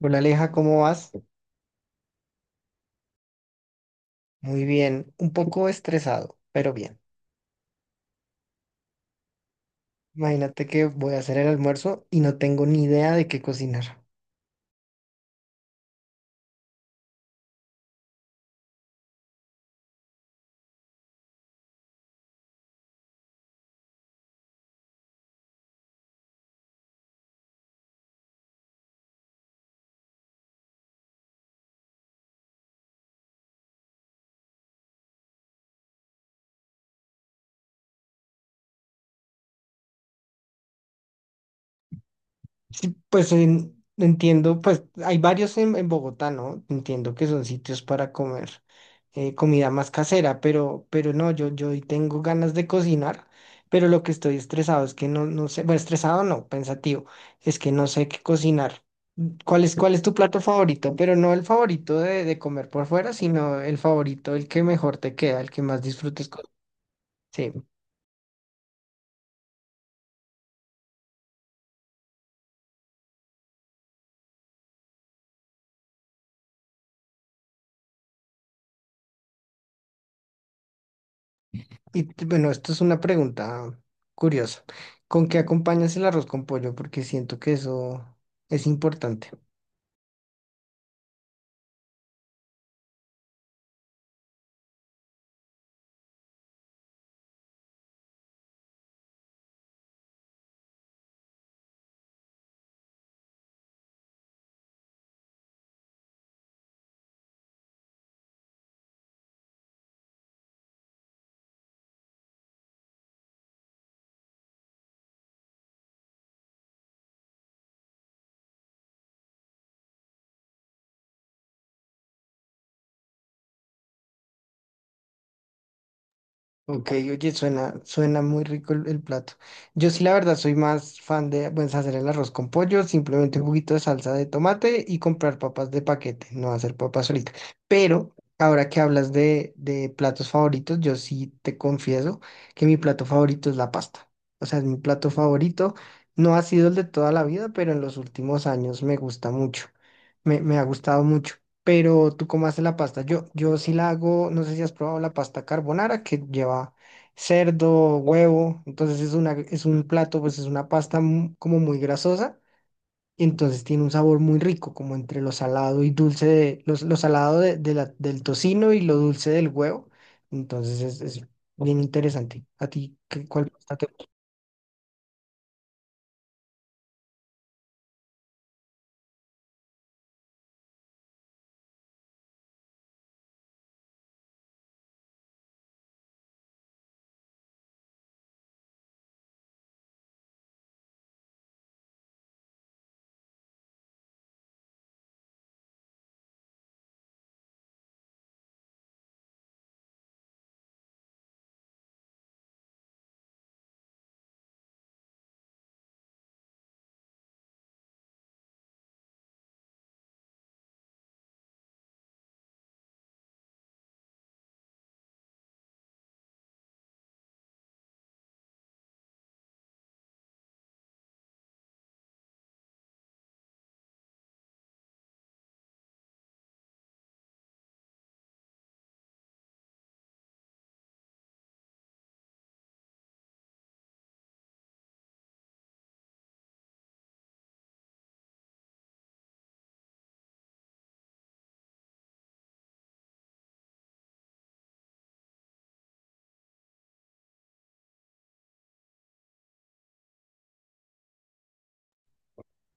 Hola Aleja, ¿cómo vas? Muy bien, un poco estresado, pero bien. Imagínate que voy a hacer el almuerzo y no tengo ni idea de qué cocinar. Sí, pues entiendo, pues hay varios en Bogotá, ¿no? Entiendo que son sitios para comer comida más casera, pero no, yo hoy tengo ganas de cocinar, pero lo que estoy estresado es que no sé, bueno, estresado no, pensativo, es que no sé qué cocinar. ¿Cuál es tu plato favorito? Pero no el favorito de comer por fuera, sino el favorito, el que mejor te queda, el que más disfrutes. Sí. Bueno, esto es una pregunta curiosa. ¿Con qué acompañas el arroz con pollo? Porque siento que eso es importante. Ok, oye, suena muy rico el plato. Yo sí, la verdad, soy más fan de, pues, hacer el arroz con pollo, simplemente un juguito de salsa de tomate y comprar papas de paquete, no hacer papas solitas. Pero ahora que hablas de platos favoritos, yo sí te confieso que mi plato favorito es la pasta. O sea, es mi plato favorito. No ha sido el de toda la vida, pero en los últimos años me gusta mucho. Me ha gustado mucho. Pero tú cómo haces la pasta. Yo sí la hago, no sé si has probado la pasta carbonara que lleva cerdo, huevo. Entonces es una, es un plato, pues es una pasta como muy grasosa. Y entonces tiene un sabor muy rico, como entre lo salado y dulce, de, lo, salado de, del tocino y lo dulce del huevo. Entonces es bien interesante. ¿A ti qué, cuál pasta te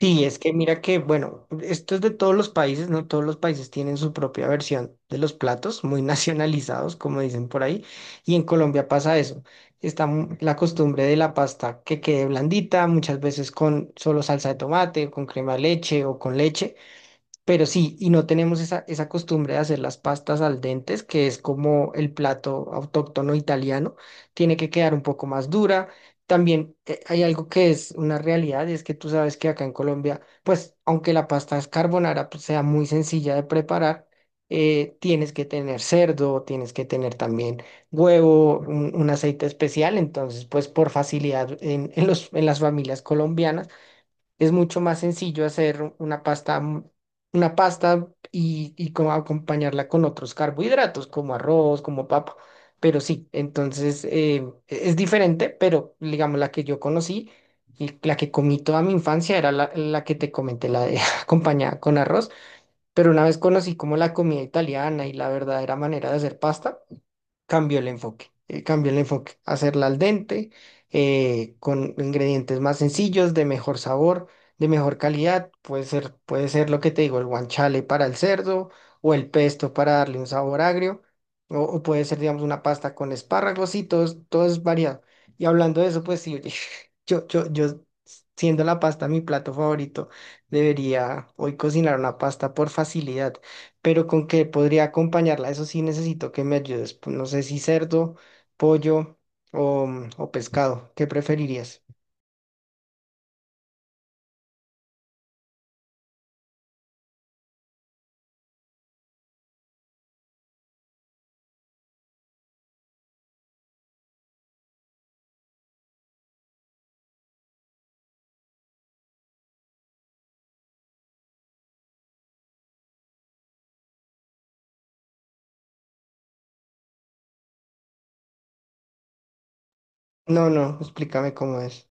Sí, es que mira que, bueno, esto es de todos los países, ¿no? Todos los países tienen su propia versión de los platos, muy nacionalizados, como dicen por ahí, y en Colombia pasa eso. Está la costumbre de la pasta que quede blandita, muchas veces con solo salsa de tomate, o con crema de leche o con leche, pero sí, y no tenemos esa, esa costumbre de hacer las pastas al dente, que es como el plato autóctono italiano, tiene que quedar un poco más dura. También hay algo que es una realidad, y es que tú sabes que acá en Colombia, pues aunque la pasta es carbonara, pues, sea muy sencilla de preparar, tienes que tener cerdo, tienes que tener también huevo, un aceite especial, entonces pues por facilidad en en las familias colombianas es mucho más sencillo hacer una pasta, una pasta y como acompañarla con otros carbohidratos, como arroz, como papa. Pero sí, entonces es diferente, pero digamos la que yo conocí y la que comí toda mi infancia era la que te comenté, la de acompañada con arroz. Pero una vez conocí como la comida italiana y la verdadera manera de hacer pasta cambio el enfoque, cambió el enfoque, hacerla al dente, con ingredientes más sencillos, de mejor sabor, de mejor calidad, puede ser lo que te digo, el guanciale para el cerdo o el pesto para darle un sabor agrio, o puede ser, digamos, una pasta con espárragos y todo, todo es variado. Y hablando de eso, pues sí, yo, siendo la pasta mi plato favorito, debería hoy cocinar una pasta por facilidad pero con qué podría acompañarla. Eso sí necesito que me ayudes. Pues, no sé si cerdo, pollo o, o pescado. ¿Qué preferirías? No, no, explícame cómo es.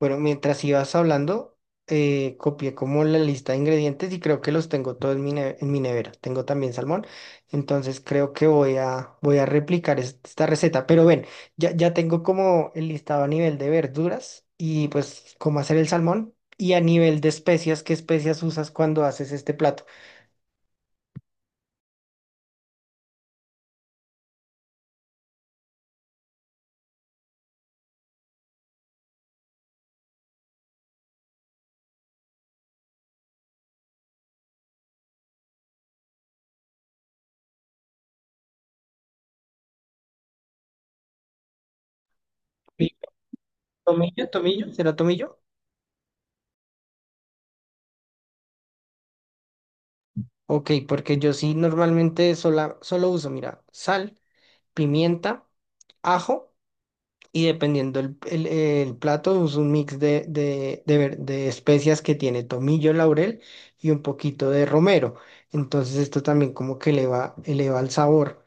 Bueno, mientras ibas hablando, copié como la lista de ingredientes y creo que los tengo todos en mi, en mi nevera. Tengo también salmón, entonces creo que voy voy a replicar esta receta. Pero ven, ya tengo como el listado a nivel de verduras y pues cómo hacer el salmón y a nivel de especias, ¿qué especias usas cuando haces este plato? Pi- ¿Tomillo? ¿Tomillo? ¿Será tomillo? Ok, porque yo sí normalmente solo uso, mira, sal, pimienta, ajo. Y dependiendo el, el plato, es un mix de, de especias que tiene tomillo, laurel y un poquito de romero. Entonces esto también como que eleva el sabor.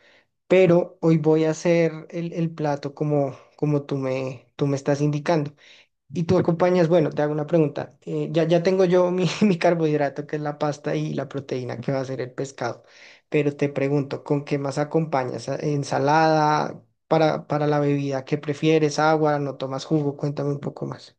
Pero hoy voy a hacer el plato como, como tú me estás indicando. Y tú acompañas, bueno, te hago una pregunta. Ya, tengo yo mi, mi carbohidrato, que es la pasta y la proteína, que va a ser el pescado. Pero te pregunto, ¿con qué más acompañas? ¿Ensalada? Para la bebida, ¿qué prefieres? ¿Agua? ¿No tomas jugo? Cuéntame un poco más.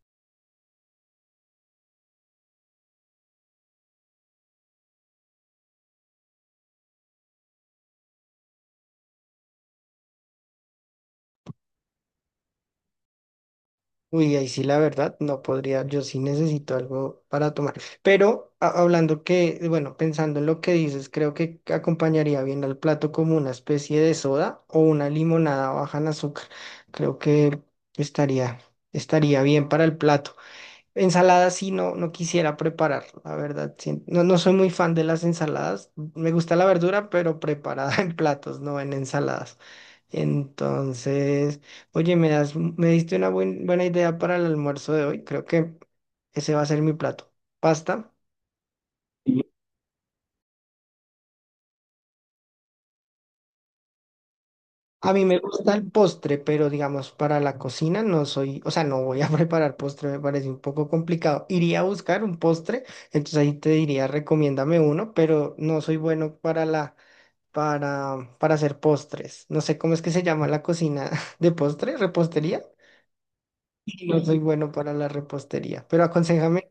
Uy, ahí sí la verdad, no podría, yo sí necesito algo para tomar. Pero hablando que, bueno, pensando en lo que dices, creo que acompañaría bien al plato como una especie de soda o una limonada baja en azúcar. Creo que estaría, estaría bien para el plato. Ensalada sí no, no quisiera preparar, la verdad. Sí. No, no soy muy fan de las ensaladas. Me gusta la verdura, pero preparada en platos, no en ensaladas. Entonces, oye, me das, me diste una buena idea para el almuerzo de hoy. Creo que ese va a ser mi plato. Pasta. Y- A mí me gusta el postre, pero digamos, para la cocina no soy, o sea, no voy a preparar postre, me parece un poco complicado. Iría a buscar un postre, entonces ahí te diría, recomiéndame uno, pero no soy bueno para la para hacer postres. No sé cómo es que se llama la cocina de postre, repostería. Y no soy bueno para la repostería, pero aconséjame.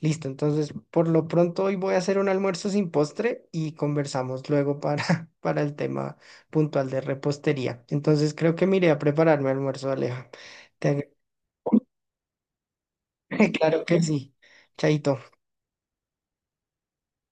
Listo, entonces por lo pronto hoy voy a hacer un almuerzo sin postre y conversamos luego para el tema puntual de repostería. Entonces creo que me iré a prepararme almuerzo, Aleja. Te agra- Claro que sí. Chaito.